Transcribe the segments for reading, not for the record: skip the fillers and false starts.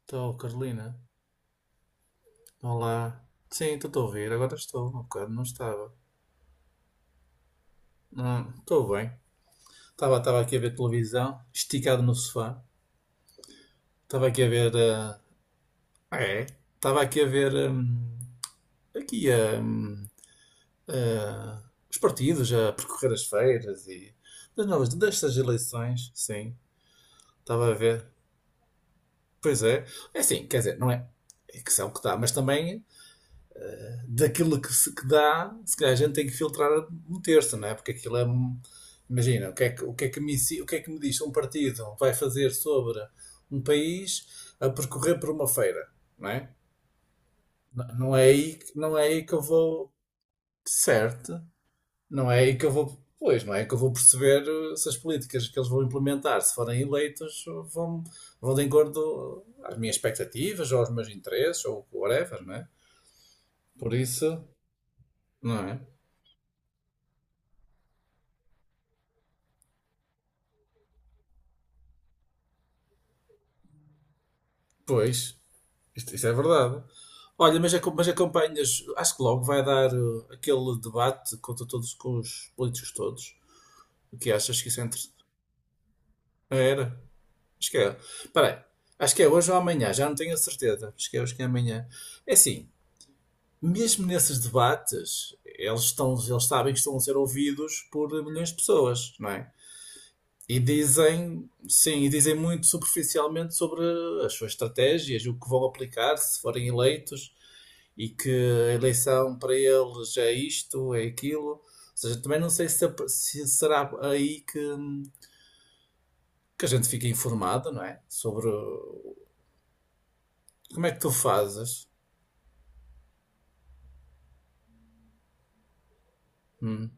Estou, Carolina. Olá. Sim, estou a ouvir. Agora estou. Há bocado não estava. Não, estou bem. Estava aqui a ver televisão, esticado no sofá. Estava aqui a ver. É? Estava aqui a ver. Aqui os partidos, a percorrer as feiras e das novas, destas eleições. Sim. Estava a ver. Pois é. É assim, quer dizer, não é? É que são o que dá, mas também daquilo que dá, se calhar a gente tem que filtrar um terço, não é? Porque aquilo é um- Imagina, o que é que, o que, é que, me, ensi- o que é que me diz um partido vai fazer sobre um país a percorrer por uma feira, não é? Não é aí, que- não é aí que eu vou. Certo, não é aí que eu vou. Pois, não é aí que eu vou perceber se as políticas que eles vão implementar, se forem eleitos, vão, vão de acordo às minhas expectativas, ou aos meus interesses, ou whatever, não é? Por isso, não é? Pois. Isto é verdade. Olha, mas, acom- mas acompanhas, acho que logo vai dar aquele debate contra todos, com os políticos todos. O que achas que isso é entre... Ah, era? Acho que é. Peraí, acho que é hoje ou amanhã, já não tenho a certeza. Acho que é hoje que é amanhã. É assim, mesmo nesses debates, eles sabem que estão a ser ouvidos por milhões de pessoas, não é? E dizem, sim, e dizem muito superficialmente sobre as suas estratégias, o que vão aplicar se forem eleitos e que a eleição para eles é isto, é aquilo. Ou seja, também não sei se será aí que a gente fica informado, não é? Sobre como é que tu fazes. Hum.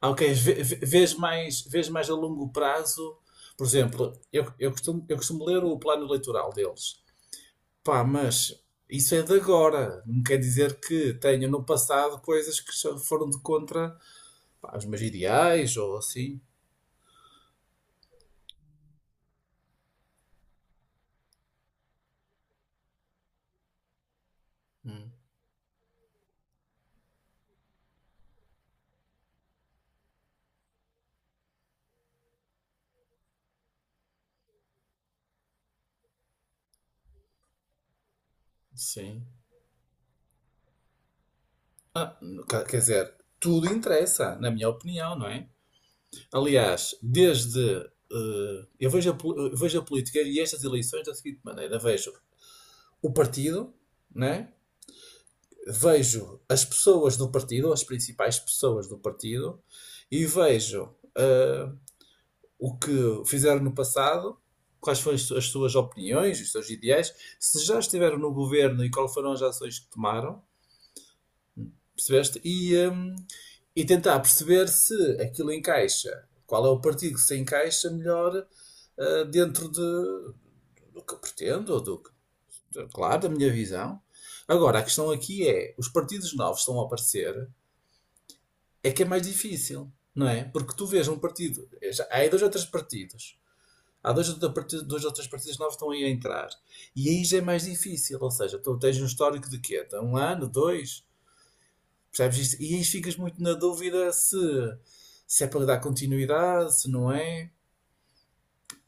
Ah, ok, vê- vê- vês mais a longo prazo. Por exemplo, eu costumo ler o plano eleitoral deles. Pá, mas isso é de agora. Não quer dizer que tenha no passado coisas que só foram de contra, pá, os meus ideais ou assim. Hum, sim. Ah, quer dizer, tudo interessa, na minha opinião, não é? Aliás, desde eu vejo a, pol- eu vejo a política e estas eleições da seguinte maneira: vejo o partido, né? Vejo as pessoas do partido, as principais pessoas do partido, e vejo o que fizeram no passado, quais foram as suas opiniões, os seus ideais, se já estiveram no governo e quais foram as ações que tomaram, percebeste? E tentar perceber se aquilo encaixa, qual é o partido que se encaixa melhor dentro de, do que eu pretendo, ou do que, claro, da minha visão. Agora, a questão aqui é, os partidos novos estão a aparecer, é que é mais difícil, não é? Porque tu vês um partido, já- há aí dois ou três partidos. Há dois, ou partidos- três partidos novos que estão aí a entrar. E aí já é mais difícil, ou seja, tu tens um histórico de quê? De um ano, dois? Percebes isto? E aí ficas muito na dúvida se é para dar continuidade, se não é.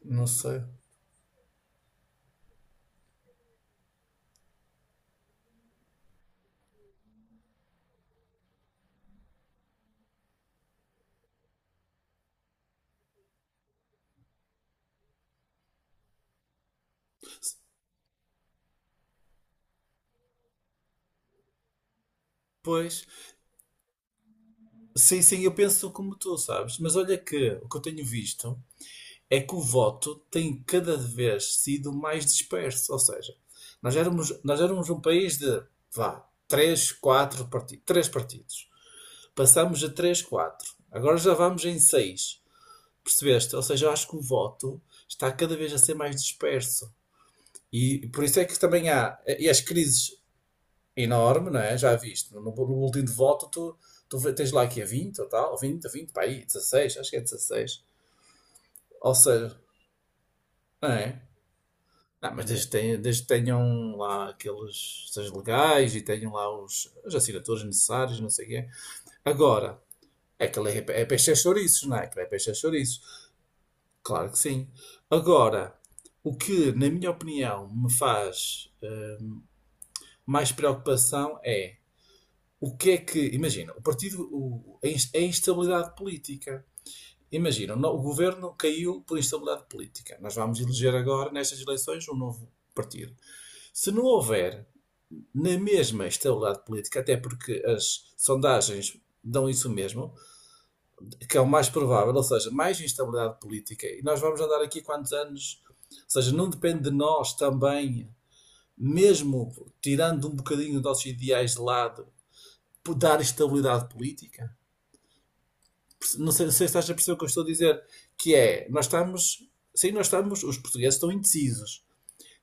Não sei. Pois, sim, sim, eu penso como tu, sabes? Mas olha que o que eu tenho visto é que o voto tem cada vez sido mais disperso. Ou seja, nós éramos um país de, vá, três, quatro partidos, três partidos. Passamos a três, quatro. Agora já vamos em seis. Percebeste? Ou seja, eu acho que o voto está cada vez a ser mais disperso. E por isso é que também há. E as crises enormes, não é? Já viste. No boletim de voto, tu tens lá aqui a 20 ou tal, 20 a 20, para aí, 16, acho que é 16. Ou seja, não é? Não, mas desde que tenham lá aqueles seus legais e tenham lá os, as assinaturas necessárias, não sei o quê. Agora, é aquele é, é peixe a chouriços, não é? Aquilo é peixe a chouriços. Claro que sim. Agora, o que, na minha opinião, me faz mais preocupação é o que é que. Imagina, o partido, o- a ins- a instabilidade política. Imagina, o no- o governo caiu por instabilidade política. Nós vamos eleger agora, nestas eleições, um novo partido. Se não houver na mesma estabilidade política, até porque as sondagens dão isso mesmo, que é o mais provável, ou seja, mais instabilidade política. E nós vamos andar aqui quantos anos? Ou seja, não depende de nós também, mesmo tirando um bocadinho dos nossos ideais de lado, dar estabilidade política? Não sei, não sei se estás a perceber o que eu estou a dizer, que é, sim, nós estamos, os portugueses estão indecisos.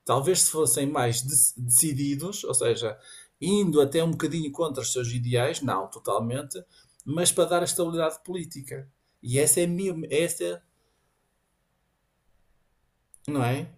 Talvez se fossem mais de- decididos, ou seja, indo até um bocadinho contra os seus ideais, não totalmente, mas para dar estabilidade política. E essa é a minha, essa é. Não é?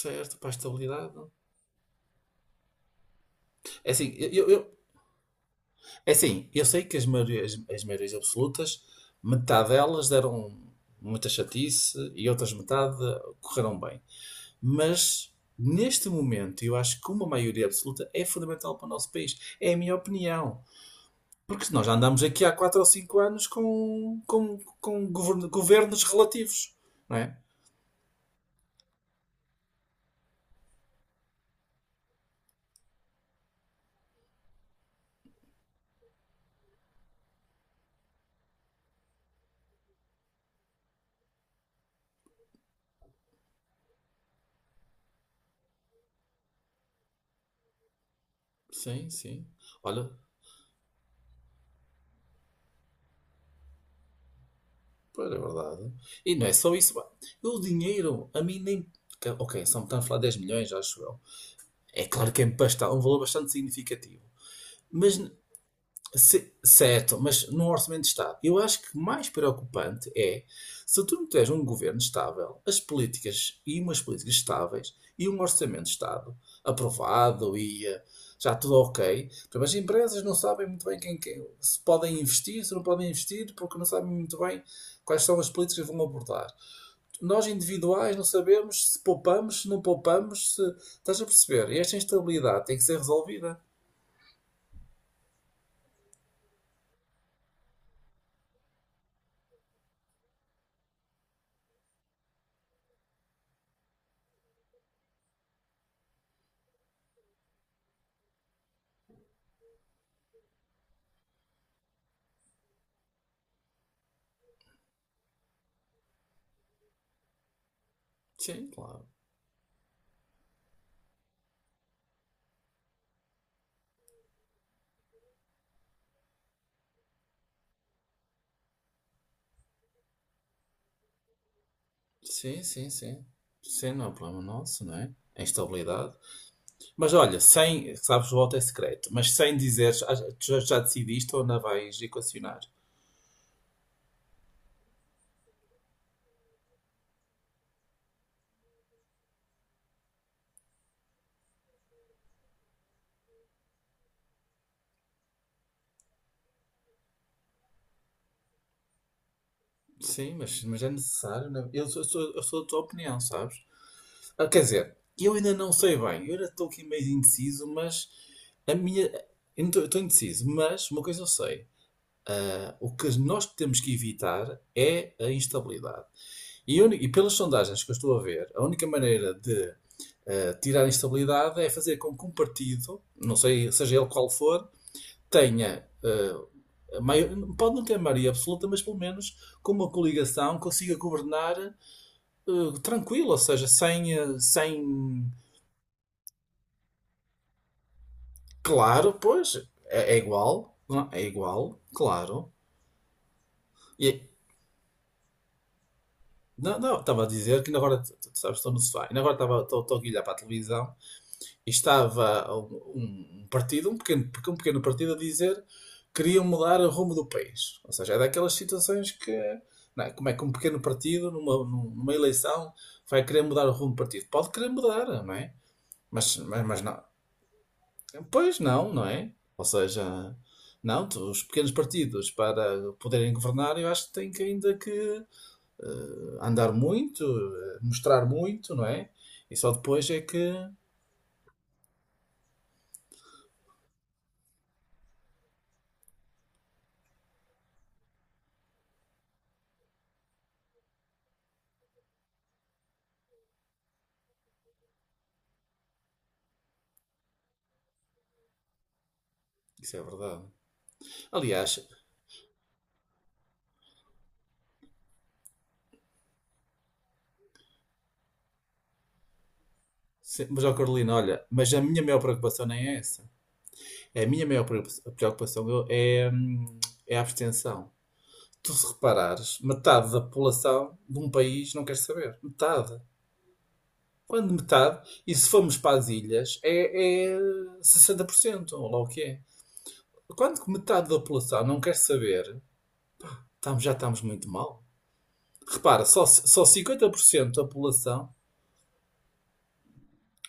Certo, para a estabilidade. É assim, eu- é assim, eu sei que as maiorias absolutas, metade delas deram muita chatice e outras metade correram bem. Mas, neste momento, eu acho que uma maioria absoluta é fundamental para o nosso país. É a minha opinião. Porque nós já andamos aqui há 4 ou 5 anos com govern- governos relativos, não é? Sim, sim. Olha, pois é verdade. E não é só isso, pá. O dinheiro, a mim nem. Que- ok, só me está a falar 10 milhões, acho eu. É claro que é basta- um valor bastante significativo. Mas n- se- certo, mas num orçamento de Estado. Eu acho que mais preocupante é se tu não tens um governo estável, as políticas e umas políticas estáveis e um orçamento de Estado aprovado e já tudo ok. Portanto, as empresas não sabem muito bem quem, quem- se podem investir, se não podem investir, porque não sabem muito bem quais são as políticas que vão abordar. Nós individuais não sabemos se poupamos, se não poupamos, se estás a perceber. E esta instabilidade tem que ser resolvida. Sim, claro. Sim, sim, sim. Sim, não é um problema nosso, não é? A instabilidade. Mas olha, sem, sabes, o voto é secreto, mas sem dizeres, ah, tu já, já decidiste ou ainda vais equacionar? Sim, mas é necessário, não é? Eu sou da tua opinião, sabes? Ah, quer dizer, eu ainda não sei bem, eu ainda estou aqui meio indeciso, mas a minha. Eu não estou indeciso, mas uma coisa eu sei. Ah, o que nós temos que evitar é a instabilidade. E, uni- e pelas sondagens que eu estou a ver, a única maneira de tirar a instabilidade é fazer com que um partido, não sei, seja ele qual for, tenha, a mai- pode não ter maioria absoluta, mas pelo menos com uma coligação consiga governar tranquilo, ou seja, sem, claro, pois, é, é igual, não, é. É igual, claro. E, não, não, estava a dizer que ainda agora, t- t- sabes, estou no sofá, ainda agora estava, estou, estou aqui a olhar para a televisão. E estava um partido, um pequeno partido, a dizer que queriam mudar o rumo do país. Ou seja, é daquelas situações que, não é? Como é que um pequeno partido, numa eleição, vai querer mudar o rumo do partido? Pode querer mudar, não é? Mas não. Pois não, não é? Ou seja, não, os pequenos partidos para poderem governar, eu acho que têm que ainda que andar muito, mostrar muito, não é? E só depois é que. Isso é verdade. Aliás, sim, mas, ó Carolina, olha, mas a minha maior preocupação nem é essa. A minha maior preocupa- preocupação eu- é, é a abstenção. Tu, se reparares, metade da população de um país não quer saber. Metade. Quando metade, e se formos para as ilhas, é, é 60%, ou lá o que é. Quando que metade da população não quer saber, estamos- já estamos muito mal. Repara, só, só 50% da população,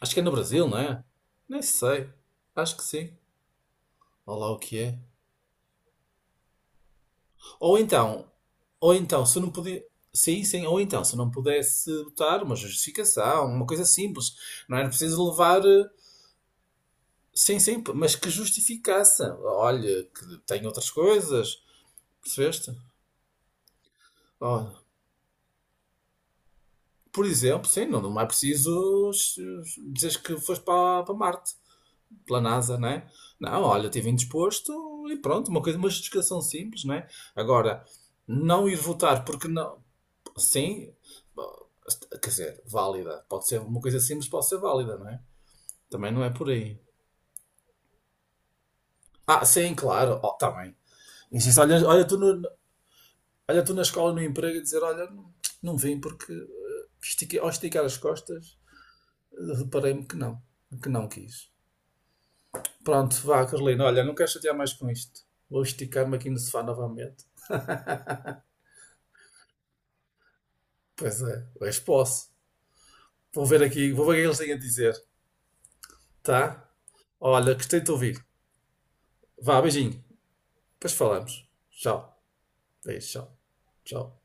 acho que é no Brasil, não é? Nem sei. Acho que sim. Olha lá o que é. Ou então, ou então, se não puder. Sim, sim, ou então, se não pudesse botar uma justificação, uma coisa simples, não era preciso levar. Sim, sim, mas que justificasse. Olha, que tem outras coisas, percebeste? Ó, por exemplo, sim, não, não é preciso dizer que foste para, para Marte, pela NASA, não é? Não, olha, estive indisposto e pronto, uma coisa, uma justificação simples, não é? Agora, não ir votar porque não. Sim, bom, quer dizer, válida. Pode ser uma coisa simples, pode ser válida, não é? Também não é por aí. Ah, sim, claro. Oh, tá bem. Insiste, olha, olha, tu no- olha tu na escola, no emprego, e dizer: olha, não, não vim porque estiquei- ao esticar as costas reparei-me que não quis. Pronto, vá, Carolina, olha, não quero chatear mais com isto. Vou esticar-me aqui no sofá novamente. Pois é, hoje posso. Vou ver aqui, vou ver o que eles têm a dizer, tá? Olha, gostei de te ouvir. Vá, beijinho. Depois falamos. Tchau. Beijo, tchau. Tchau.